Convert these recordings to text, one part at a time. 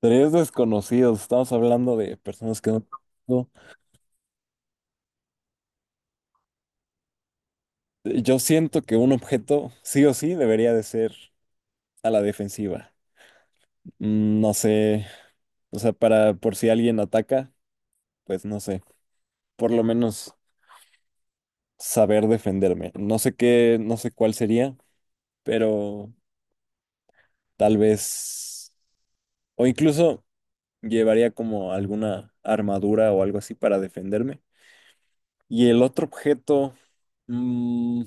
Tres desconocidos, estamos hablando de personas que no... no. Yo siento que un objeto sí o sí debería de ser a la defensiva. No sé, o sea, para por si alguien ataca, pues no sé, por lo menos saber defenderme. No sé qué, no sé cuál sería, pero tal vez o incluso llevaría como alguna armadura o algo así para defenderme. Y el otro objeto, mm,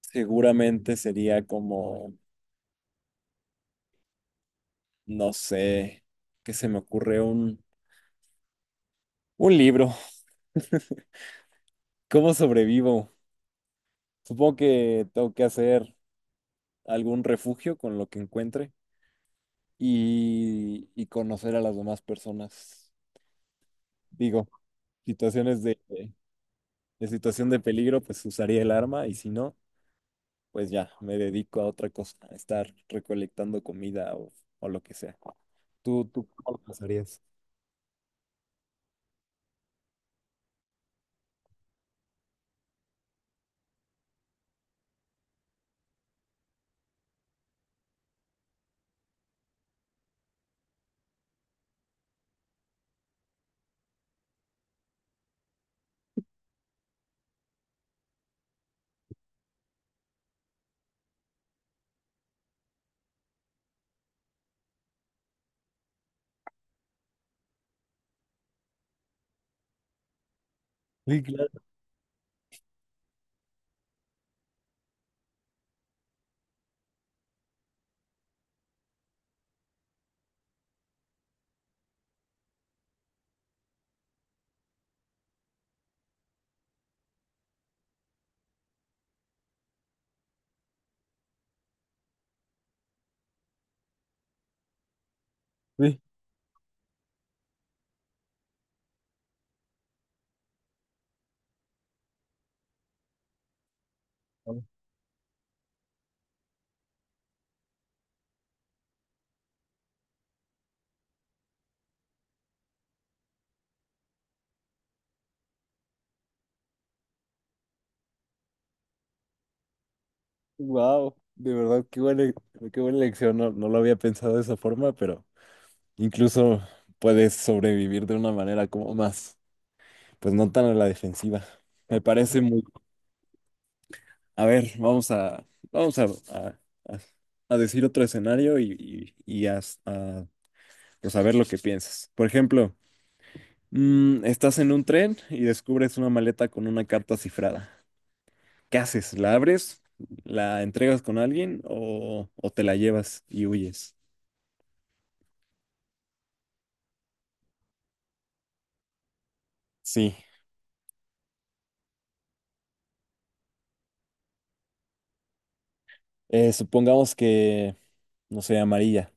seguramente sería como no sé, ¿qué se me ocurre? Un libro. ¿Cómo sobrevivo? Supongo que tengo que hacer algún refugio con lo que encuentre y conocer a las demás personas. Digo, situaciones de, de situación de peligro, pues usaría el arma y si no, pues ya, me dedico a otra cosa, a estar recolectando comida o lo que sea. Tú cómo lo pasarías? Sí, claro, sí. Wow, de verdad, qué buena lección. No, no lo había pensado de esa forma, pero incluso puedes sobrevivir de una manera como más, pues no tan a la defensiva. Me parece muy. A ver, vamos a, vamos a, a- a decir otro escenario y a, pues a ver lo que piensas. Por ejemplo, estás en un tren y descubres una maleta con una carta cifrada. ¿Qué haces? ¿La abres? ¿La entregas con alguien o te la llevas y huyes? Sí. Supongamos que no sé, amarilla.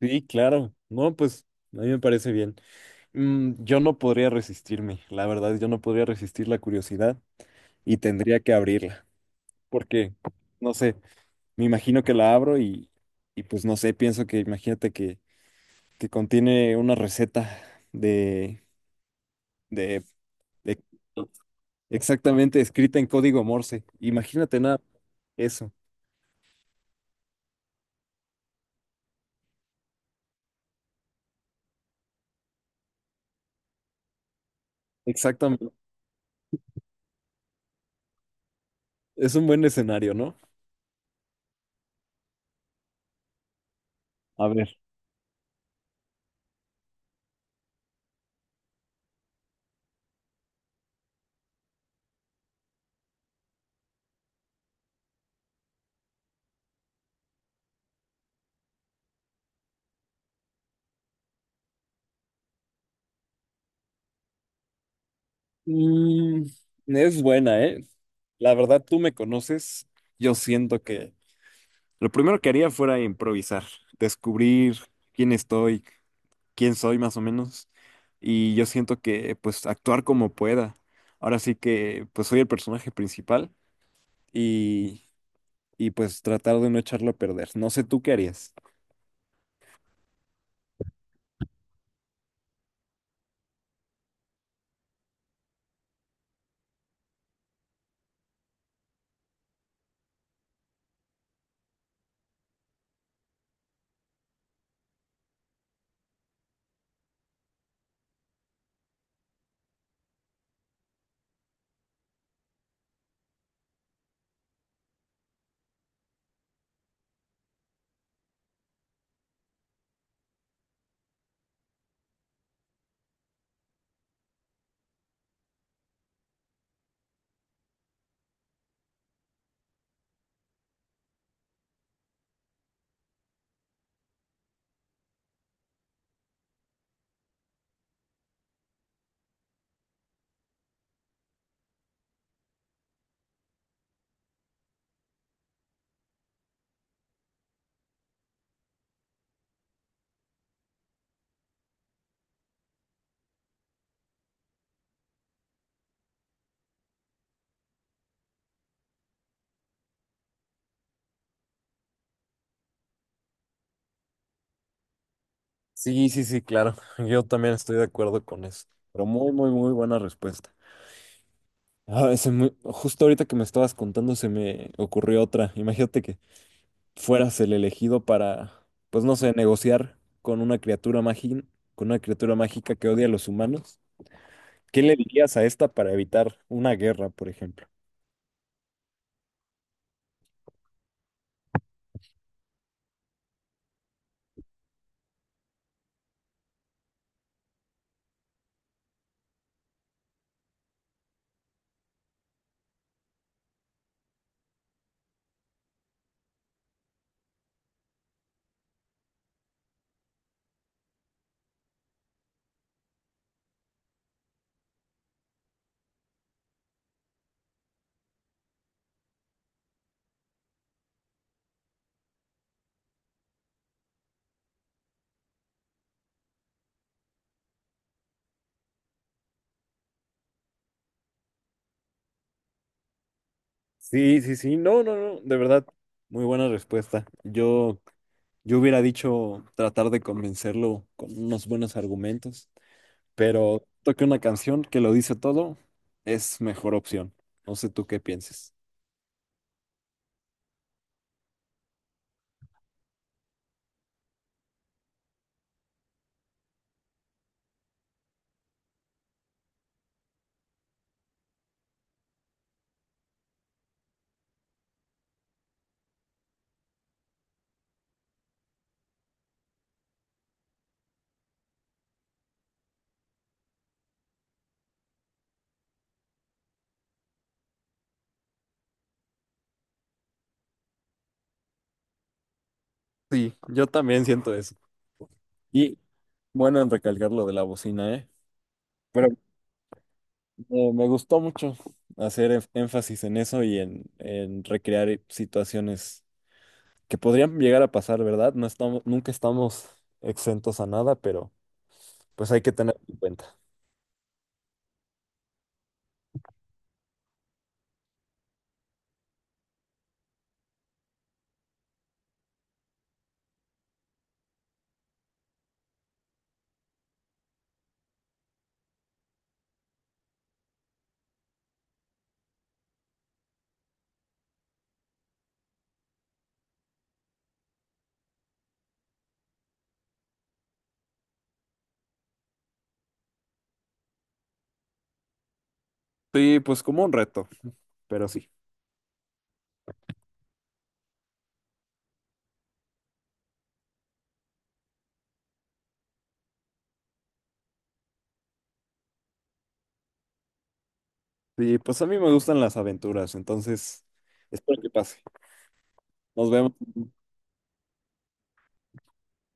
Sí, claro. No, pues a mí me parece bien. Yo no podría resistirme, la verdad, yo no podría resistir la curiosidad y tendría que abrirla, porque, no sé, me imagino que la abro y pues no sé, pienso que imagínate que contiene una receta de, de, de- exactamente escrita en código Morse. Imagínate nada, eso. Exactamente. Es un buen escenario, ¿no? A ver. Mm, es buena, ¿eh? La verdad, tú me conoces. Yo siento que lo primero que haría fuera improvisar, descubrir quién estoy, quién soy más o menos. Y yo siento que, pues, actuar como pueda. Ahora sí que, pues, soy el personaje principal y, y pues, tratar de no echarlo a perder. No sé, ¿tú qué harías? Sí, sí, sí, claro. Yo también estoy de acuerdo con eso. Pero muy, muy, muy buena respuesta. Ah, justo ahorita que me estabas contando se me ocurrió otra. Imagínate que fueras el elegido para, pues no sé, negociar con una criatura mágica, con una criatura mágica que odia a los humanos. ¿Qué le dirías a esta para evitar una guerra, por ejemplo? Sí, sí, sí, no, no, no, de verdad, muy buena respuesta. Yo hubiera dicho tratar de convencerlo con unos buenos argumentos, pero toque una canción que lo dice todo, es mejor opción. No sé tú qué pienses. Sí, yo también siento eso. Y bueno, en recalcar lo de la bocina, ¿eh? Pero me gustó mucho hacer énfasis en eso y en recrear situaciones que podrían llegar a pasar, ¿verdad? No estamos, nunca estamos exentos a nada, pero pues hay que tener en cuenta. Sí, pues como un reto, pero sí. Sí, pues a mí me gustan las aventuras, entonces espero que pase. Nos vemos.